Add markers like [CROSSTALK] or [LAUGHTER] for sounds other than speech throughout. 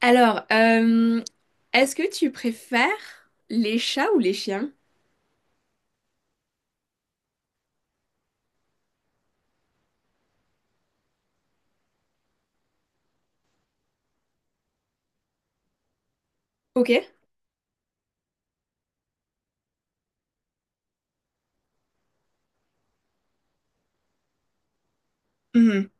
Alors, euh, Est-ce que tu préfères les chats ou les chiens? Ok. Mhm.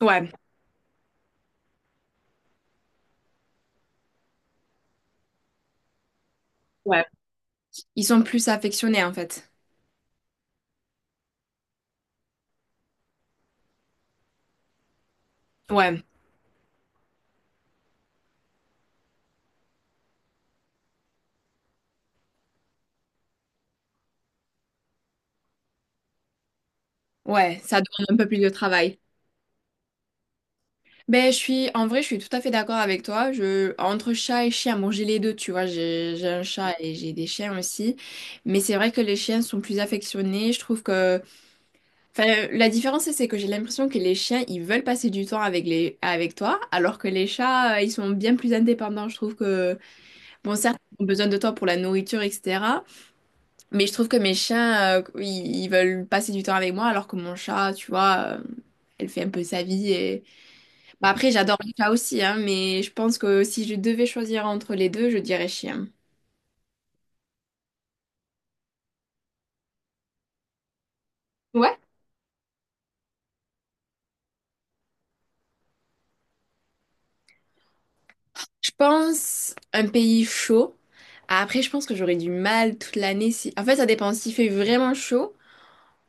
Ouais, ouais. Ils sont plus affectionnés en fait. Ouais, ouais, ça demande un peu plus de travail. Ben, en vrai, je suis tout à fait d'accord avec toi. Entre chat et chien, bon, j'ai les deux, tu vois, j'ai un chat et j'ai des chiens aussi. Mais c'est vrai que les chiens sont plus affectionnés. Enfin, la différence, c'est que j'ai l'impression que les chiens, ils veulent passer du temps avec avec toi, alors que les chats, ils sont bien plus indépendants. Je trouve que bon, certes, ils ont besoin de toi pour la nourriture, etc. Mais je trouve que mes chiens, ils veulent passer du temps avec moi, alors que mon chat, tu vois, elle fait un peu sa vie. Et bah, après, j'adore les chats aussi, hein, mais je pense que si je devais choisir entre les deux, je dirais chien. Ouais. Je pense un pays chaud. Après, je pense que j'aurais du mal toute l'année. Si en fait, ça dépend. S'il fait vraiment chaud,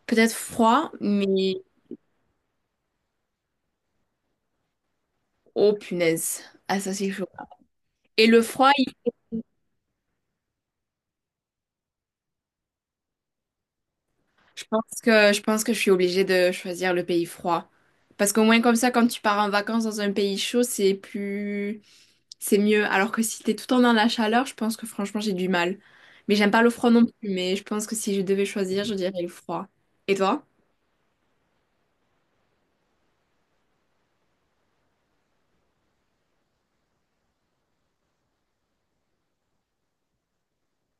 peut-être froid, mais oh punaise, ah ça c'est chaud. Et le froid, je pense que je suis obligée de choisir le pays froid. Parce qu'au moins comme ça, quand tu pars en vacances dans un pays chaud, c'est mieux. Alors que si t'es tout le temps dans la chaleur, je pense que franchement j'ai du mal. Mais j'aime pas le froid non plus, mais je pense que si je devais choisir, je dirais le froid. Et toi?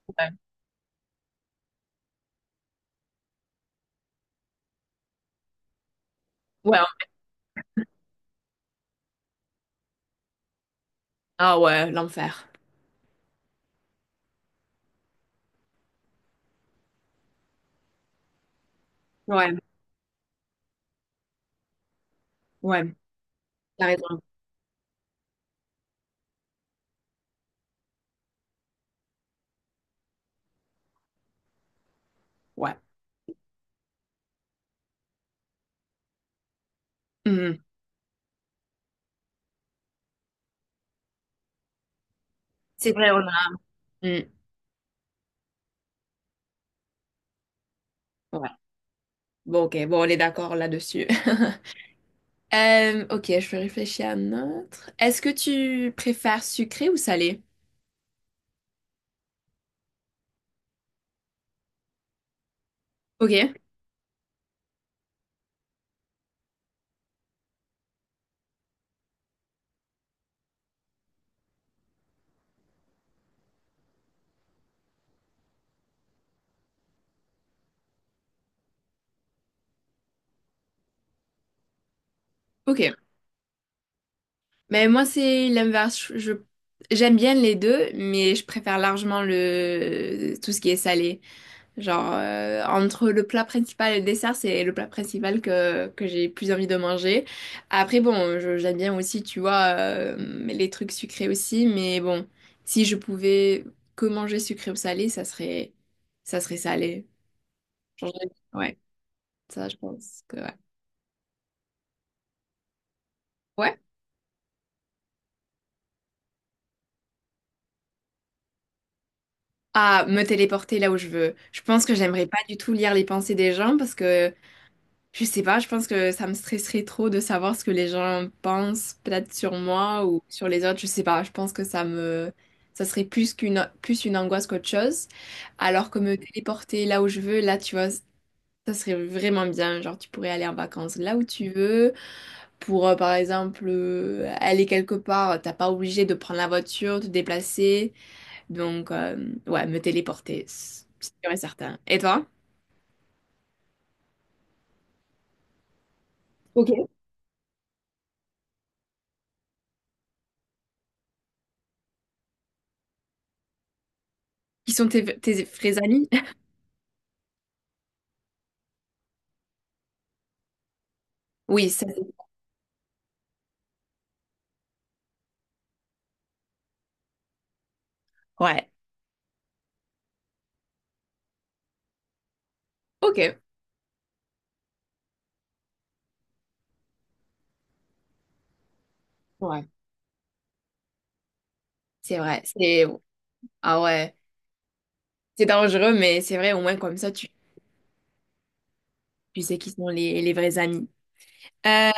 Ouais. Ouais. Ah ouais, l'enfer. Ouais, ouais, t'as raison. Ouais. Mhm. C'est vrai, on a. Mm, ouais. Bon, ok, bon, on est d'accord là-dessus. [LAUGHS] Ok, je vais réfléchir à un autre. Est-ce que tu préfères sucré ou salé? Ok, ok. Mais moi, c'est l'inverse. J'aime bien les deux, mais je préfère largement le, tout ce qui est salé. Genre, entre le plat principal et le dessert, c'est le plat principal que j'ai plus envie de manger. Après, bon, j'aime bien aussi, tu vois, les trucs sucrés aussi, mais bon, si je pouvais que manger sucré ou salé, ça serait salé. Genre, ouais, ça, je pense que ouais. Ouais, à me téléporter là où je veux. Je pense que j'aimerais pas du tout lire les pensées des gens parce que je sais pas, je pense que ça me stresserait trop de savoir ce que les gens pensent peut-être sur moi ou sur les autres, je sais pas. Je pense que ça me Ça serait plus une angoisse qu'autre chose. Alors que me téléporter là où je veux, là tu vois, ça serait vraiment bien. Genre tu pourrais aller en vacances là où tu veux pour par exemple aller quelque part, t'as pas obligé de prendre la voiture, te déplacer. Donc, ouais, me téléporter, c'est sûr et certain. Et toi? Ok. Qui sont tes, tes vrais amis? [LAUGHS] Oui, ça, c'est- ouais. Ok, ouais. C'est vrai. Ah ouais, c'est dangereux, mais c'est vrai, au moins comme ça, tu sais qui sont les vrais amis. Euh,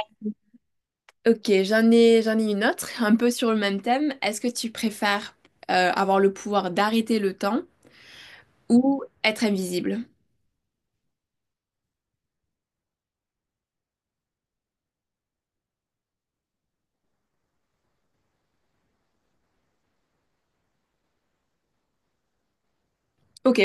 ok, j'en ai une autre, un peu sur le même thème. Est-ce que tu préfères avoir le pouvoir d'arrêter le temps ou être invisible? Ok,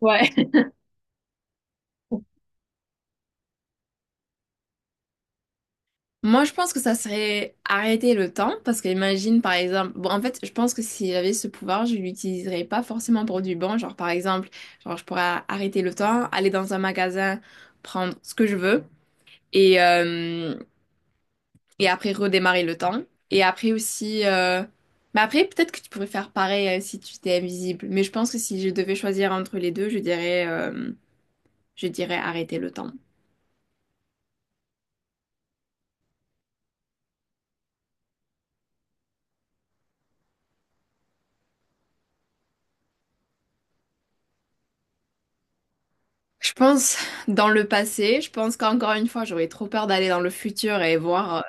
ouais. Moi, je pense que ça serait arrêter le temps, parce que imagine, par exemple, bon, en fait, je pense que si j'avais ce pouvoir, je l'utiliserais pas forcément pour du bon. Genre, par exemple, genre, je pourrais arrêter le temps, aller dans un magasin, prendre ce que je veux, et, euh, et après redémarrer le temps. Et après aussi, euh, mais après, peut-être que tu pourrais faire pareil, si tu étais invisible. Mais je pense que si je devais choisir entre les deux, je dirais arrêter le temps. Je pense dans le passé, je pense qu'encore une fois, j'aurais trop peur d'aller dans le futur et voir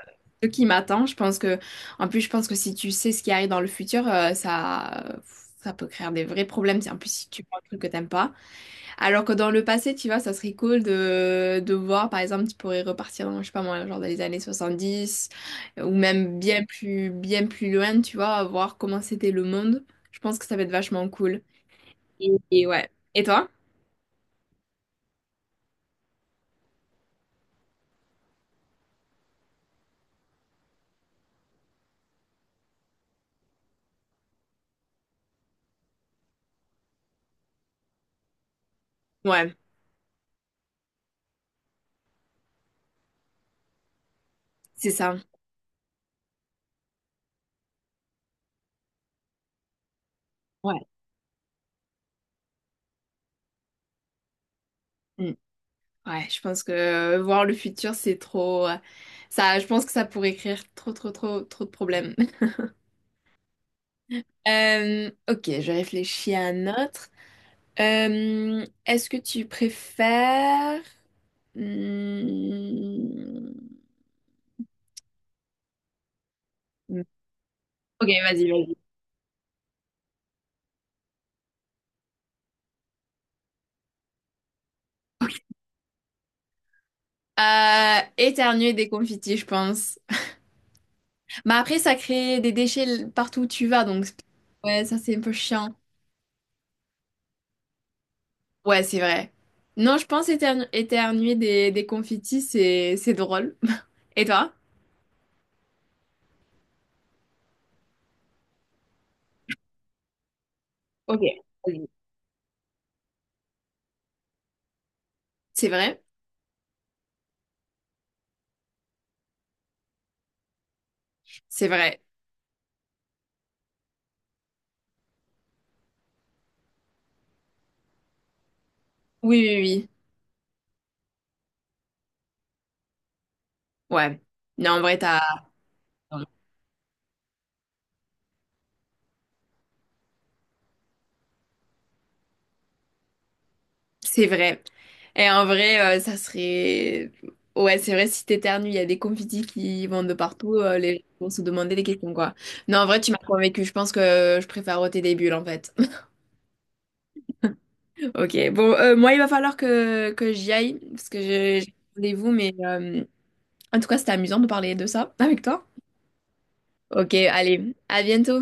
ce qui m'attend. En plus, je pense que si tu sais ce qui arrive dans le futur, ça peut créer des vrais problèmes. Si- En plus, si tu vois un truc que t'aimes pas. Alors que dans le passé, tu vois, ça serait cool de voir, par exemple, tu pourrais repartir dans, je sais pas moi, genre dans les années 70 ou même bien plus loin, tu vois, voir comment c'était le monde. Je pense que ça va être vachement cool. Et ouais. Et toi? Ouais, c'est ça. Ouais. Ouais, je pense que voir le futur, c'est trop. Ça, je pense que ça pourrait créer trop de problèmes. [LAUGHS] Ok, je réfléchis à un autre. Est-ce que tu préfères? Hmm. Ok, vas-y. Éternuer des confitis, je pense. Mais après, ça crée des déchets partout où tu vas, donc ouais, ça, c'est un peu chiant. Ouais, c'est vrai. Non, je pense éternuer des confitis, c'est drôle. Et toi? Ok. Vas-y. C'est vrai? C'est vrai. Oui, oui, oui. Ouais. Non, en vrai, t'as... C'est vrai. Et en vrai, ça serait... Ouais, c'est vrai, si t'éternues, il y a des confettis qui vont de partout, les gens vont se demander des questions, quoi. Non, en vrai, tu m'as convaincue. Je pense que je préfère ôter des bulles, en fait. [LAUGHS] Ok, bon, moi, il va falloir que j'y aille, parce que j'ai rendez-vous, mais en tout cas, c'était amusant de parler de ça avec toi. Ok, allez, à bientôt.